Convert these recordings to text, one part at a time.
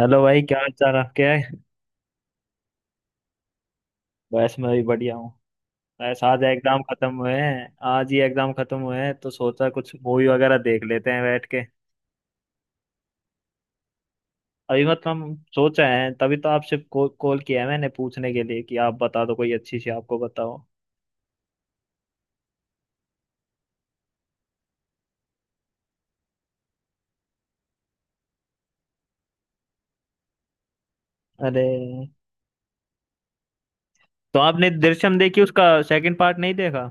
Hello भाई, क्या हाल चाल आपके है। बस मैं भी बढ़िया हूँ। बस आज एग्जाम खत्म हुए हैं, आज ही एग्जाम खत्म हुए हैं, तो सोचा कुछ मूवी वगैरह देख लेते हैं बैठ के। अभी मतलब हम सोच रहे हैं, तभी तो आपसे कॉल कॉल किया है मैंने पूछने के लिए कि आप बता दो कोई अच्छी सी, आपको बताओ। अरे, तो आपने दृश्यम देखी, उसका सेकंड पार्ट नहीं देखा।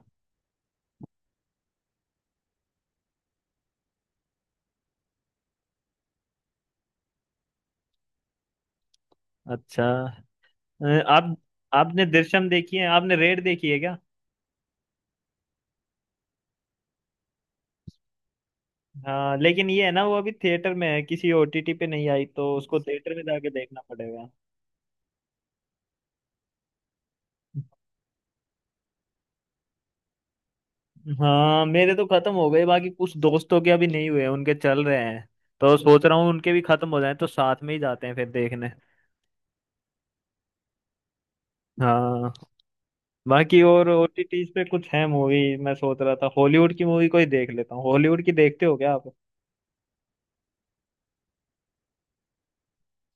अच्छा। आप आपने दृश्यम देखी है, आपने रेड देखी है क्या। हाँ, लेकिन ये है ना, वो अभी थिएटर में है, किसी ओटीटी पे नहीं आई, तो उसको थिएटर में जाके देखना पड़ेगा। हाँ, मेरे तो खत्म हो गए, बाकी कुछ दोस्तों के अभी नहीं हुए, उनके चल रहे हैं। तो सोच रहा हूँ उनके भी खत्म हो जाए तो साथ में ही जाते हैं फिर देखने। हाँ। बाकी और ओटीटीज पे कुछ है मूवी, मैं सोच रहा था हॉलीवुड की मूवी कोई देख लेता हूँ। हॉलीवुड की देखते हो क्या आप।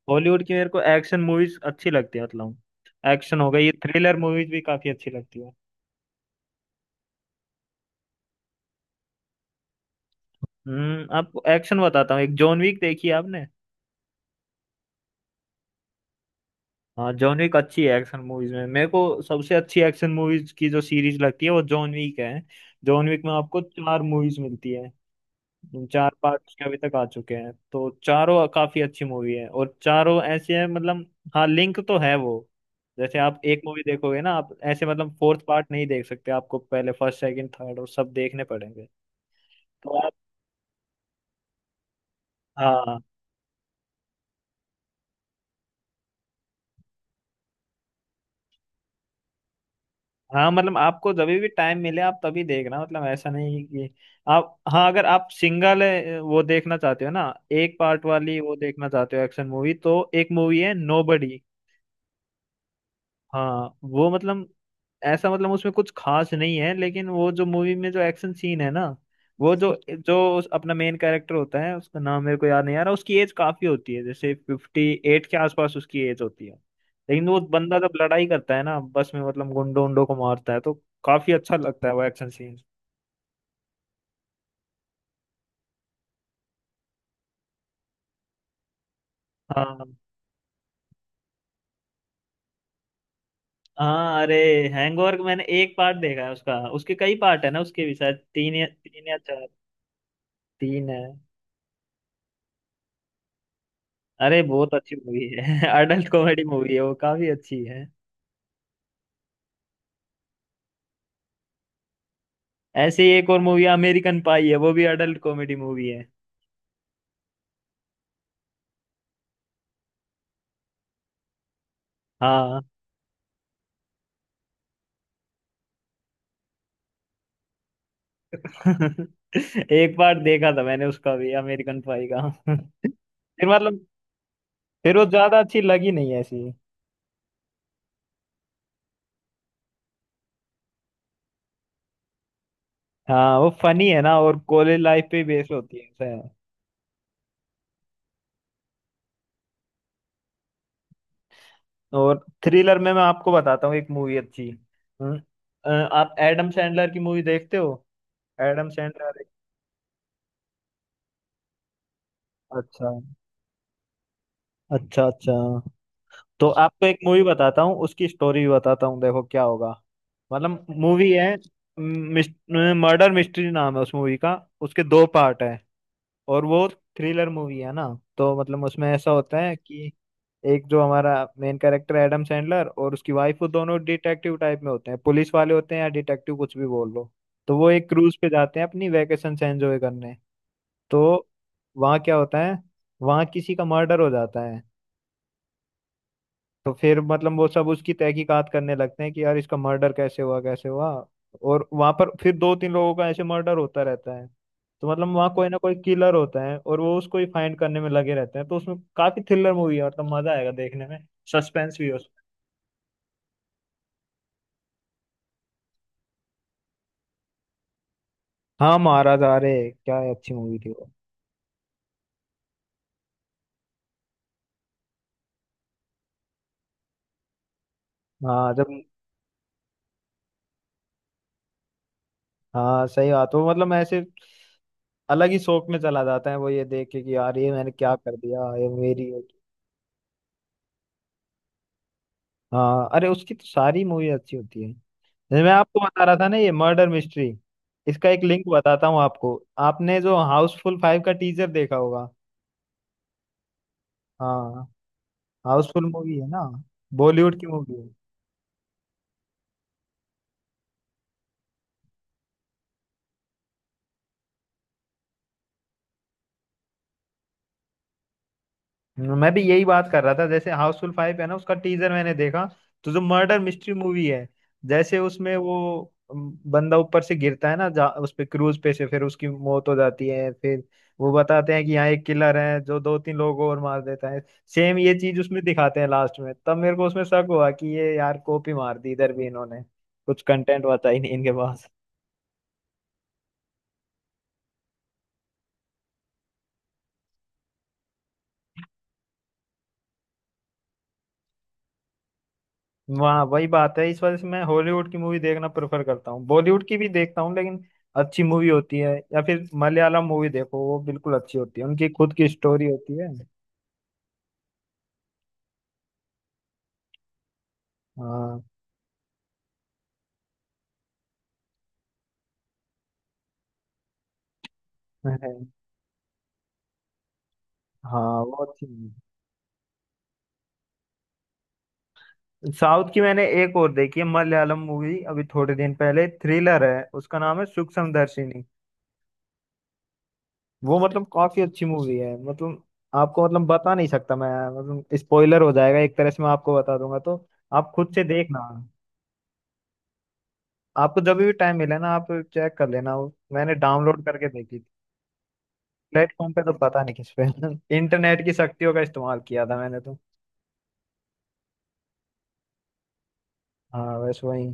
हॉलीवुड की मेरे को एक्शन मूवीज अच्छी लगती है, मतलब एक्शन हो गई, ये थ्रिलर मूवीज भी काफी अच्छी लगती है। आपको एक्शन बताता हूँ। एक जॉन विक देखी है आपने। हाँ, जॉन विक अच्छी है, एक्शन मूवीज में मेरे को सबसे अच्छी एक्शन मूवीज की जो सीरीज लगती है वो जॉन विक है। जॉन विक में आपको चार मूवीज मिलती है। चार पार्ट उसके अभी तक आ चुके हैं, तो चारों काफी अच्छी मूवी है, और चारों ऐसे हैं, मतलब हाँ, लिंक तो है वो। जैसे आप एक मूवी देखोगे ना, आप ऐसे मतलब फोर्थ पार्ट नहीं देख सकते, आपको पहले फर्स्ट, सेकंड, थर्ड और सब देखने पड़ेंगे। तो आप, हाँ हाँ, मतलब आपको जब भी टाइम मिले आप तभी देखना, मतलब ऐसा नहीं कि आप, हाँ, अगर आप सिंगल वो देखना चाहते हो ना, एक पार्ट वाली वो देखना चाहते हो एक्शन मूवी, तो एक मूवी है नोबडी। हाँ वो मतलब ऐसा, मतलब उसमें कुछ खास नहीं है लेकिन वो जो मूवी में जो एक्शन सीन है ना, वो जो जो उस- अपना मेन कैरेक्टर होता है, उसका नाम मेरे को याद नहीं आ रहा, उसकी एज काफी होती है, जैसे 58 के आसपास उसकी एज होती है। लेकिन वो बंदा जब लड़ाई करता है ना बस में, मतलब गुंडों उंडों को मारता है, तो काफी अच्छा लगता है वो एक्शन सीन। हाँ। हाँ, अरे हैंगओवर मैंने एक पार्ट देखा है उसका, उसके कई पार्ट है ना, उसके भी शायद तीन या चार। तीन है। अरे बहुत अच्छी मूवी है अडल्ट कॉमेडी मूवी है, वो काफी अच्छी है। ऐसे ही एक और मूवी अमेरिकन पाई है, वो भी अडल्ट कॉमेडी मूवी है। हाँ एक बार देखा था मैंने उसका भी, अमेरिकन पाई का फिर मतलब फिर वो ज्यादा अच्छी लगी नहीं ऐसी। हाँ, वो फनी है ना, और कॉलेज लाइफ पे बेस्ड होती है, ऐसा है। और थ्रिलर में मैं आपको बताता हूँ एक मूवी अच्छी। हम्म, आप एडम सैंडलर की मूवी देखते हो। Adam Sandler. अच्छा अच्छा। अच्छा, तो आपको एक मूवी बताता हूँ, उसकी स्टोरी भी बताता हूँ, देखो क्या होगा। मतलब मूवी है, मर्डर मिस्ट्री नाम है उस मूवी का। उसके दो पार्ट है। और वो थ्रिलर मूवी है ना। तो मतलब उसमें ऐसा होता है कि एक जो हमारा मेन कैरेक्टर एडम सैंडलर और उसकी वाइफ, वो दोनों डिटेक्टिव टाइप में होते हैं, पुलिस वाले होते हैं या डिटेक्टिव कुछ भी बोल लो। तो वो एक क्रूज पे जाते हैं अपनी वैकेशन से एंजॉय करने। तो वहाँ क्या होता है, वहाँ किसी का मर्डर हो जाता है। तो फिर मतलब वो सब उसकी तहकीकात करने लगते हैं कि यार इसका मर्डर कैसे हुआ, कैसे हुआ। और वहां पर फिर दो तीन लोगों का ऐसे मर्डर होता रहता है। तो मतलब वहां कोई ना कोई किलर होता है और वो उसको ही फाइंड करने में लगे रहते हैं, तो उसमें काफी थ्रिलर मूवी है, मतलब मजा आएगा देखने में। सस्पेंस भी हो। हाँ, महाराज, अरे क्या ही अच्छी मूवी थी वो। हाँ जब, हाँ, सही बात, वो मतलब ऐसे अलग ही शौक में चला जाता है वो, ये देख के कि यार ये मैंने क्या कर दिया, ये मेरी। हाँ, अरे उसकी तो सारी मूवी अच्छी होती है। जैसे मैं आपको बता रहा था ना ये मर्डर मिस्ट्री, इसका एक लिंक बताता हूँ आपको। आपने जो हाउसफुल फाइव का टीजर देखा होगा। हाँ, हाउसफुल मूवी है ना, बॉलीवुड की मूवी है। मैं भी यही बात कर रहा था, जैसे हाउसफुल फाइव है ना, उसका टीजर मैंने देखा, तो जो मर्डर मिस्ट्री मूवी है, जैसे उसमें वो बंदा ऊपर से गिरता है ना, उस पे क्रूज पे से, फिर उसकी मौत हो जाती है, फिर वो बताते हैं कि यहाँ एक किलर है जो दो तीन लोगों और मार देता है। सेम ये चीज उसमें दिखाते हैं लास्ट में, तब मेरे को उसमें शक हुआ कि ये यार कॉपी मार दी इधर भी इन्होंने, कुछ कंटेंट बचा ही नहीं इनके पास। वहाँ वही बात है, इस वजह से मैं हॉलीवुड की मूवी देखना प्रेफर करता हूँ, बॉलीवुड की भी देखता हूँ लेकिन अच्छी मूवी होती है, या फिर मलयालम मूवी देखो, वो बिल्कुल अच्छी होती है, उनकी खुद की स्टोरी होती है। हाँ। है। हाँ, वो अच्छी मूवी। साउथ की मैंने एक और देखी है मलयालम मूवी, अभी थोड़े दिन पहले, थ्रिलर है, उसका नाम है सूक्ष्म दर्शिनी। वो मतलब काफी अच्छी मूवी है, मतलब आपको मतलब बता नहीं सकता मैं, मतलब स्पॉइलर हो जाएगा एक तरह से, मैं आपको बता दूंगा तो। आप खुद से देखना, आपको जब भी टाइम मिले ना, आप चेक कर लेना। वो मैंने डाउनलोड करके देखी थी, प्लेटफॉर्म पे तो पता नहीं किस पे इंटरनेट की शक्तियों का इस्तेमाल किया था मैंने तो। हाँ वैसे वही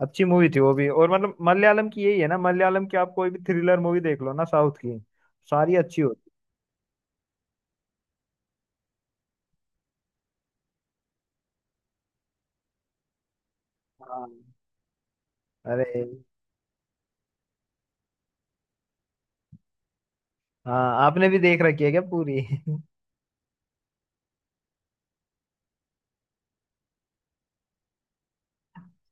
अच्छी मूवी थी वो भी, और मतलब मलयालम की यही है ना, मलयालम की आप कोई भी थ्रिलर मूवी देख लो ना साउथ की, सारी अच्छी होती है। हाँ, अरे हाँ, आपने भी देख रखी है क्या पूरी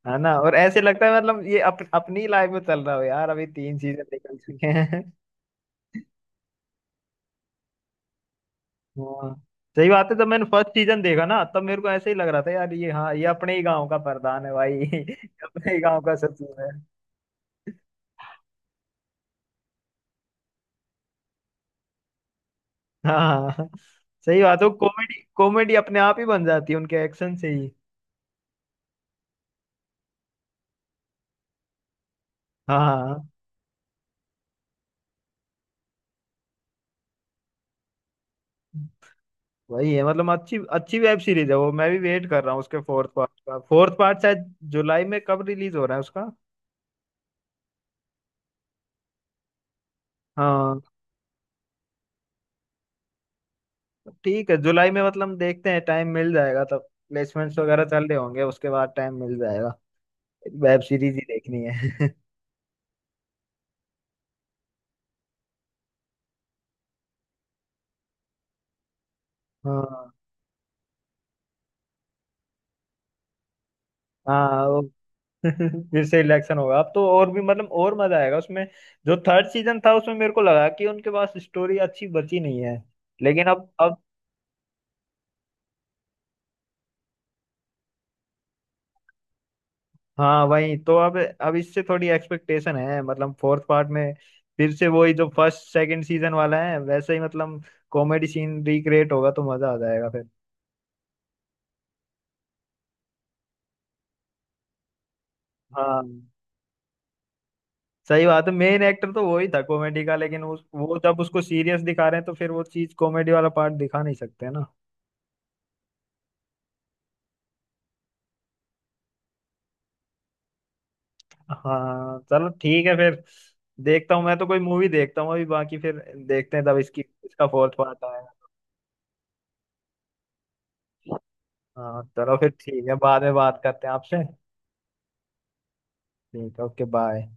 है ना, और ऐसे लगता है मतलब ये अपनी लाइफ में चल रहा हो यार, अभी तीन चीजें निकल चुके हैं। हाँ, सही बात है, जब मैंने फर्स्ट सीजन देखा ना तब मेरे को ऐसे ही लग रहा था, यार ये, हाँ, ये अपने ही गांव का प्रधान है भाई ये अपने ही गांव का सचिव है। हाँ, सही बात है, कॉमेडी कॉमेडी अपने आप ही बन जाती है उनके एक्शन से ही। हाँ, वही है, मतलब अच्छी अच्छी वेब सीरीज है वो। मैं भी वेट कर रहा हूँ उसके फोर्थ पार्ट का, फोर्थ पार्ट शायद जुलाई में कब रिलीज हो रहा है उसका। हाँ, ठीक है जुलाई में, मतलब देखते हैं, टाइम मिल जाएगा तब। प्लेसमेंट्स वगैरह चल रहे होंगे, उसके बाद टाइम मिल जाएगा, वेब सीरीज ही देखनी है हाँ हाँ, वो फिर से इलेक्शन होगा अब तो, और भी मतलब और मजा आएगा उसमें। जो थर्ड सीजन था, उसमें मेरे को लगा कि उनके पास स्टोरी अच्छी बची नहीं है, लेकिन अब हाँ, वही तो, अब इससे थोड़ी एक्सपेक्टेशन है मतलब फोर्थ पार्ट में, फिर से वही जो फर्स्ट सेकंड सीजन वाला है वैसे ही, मतलब कॉमेडी सीन रिक्रिएट होगा तो मजा आ जाएगा फिर। हाँ, सही बात है, मेन एक्टर तो वही था कॉमेडी का, लेकिन उस वो जब उसको सीरियस दिखा रहे हैं तो फिर वो चीज कॉमेडी वाला पार्ट दिखा नहीं सकते ना। हाँ चलो ठीक है फिर। देखता हूँ मैं तो कोई मूवी देखता हूँ अभी बाकी, फिर देखते हैं तब इसकी इसका फोर्थ पार्ट आएगा। हाँ चलो फिर ठीक है, बाद में बात करते हैं आपसे। ठीक है, ओके बाय।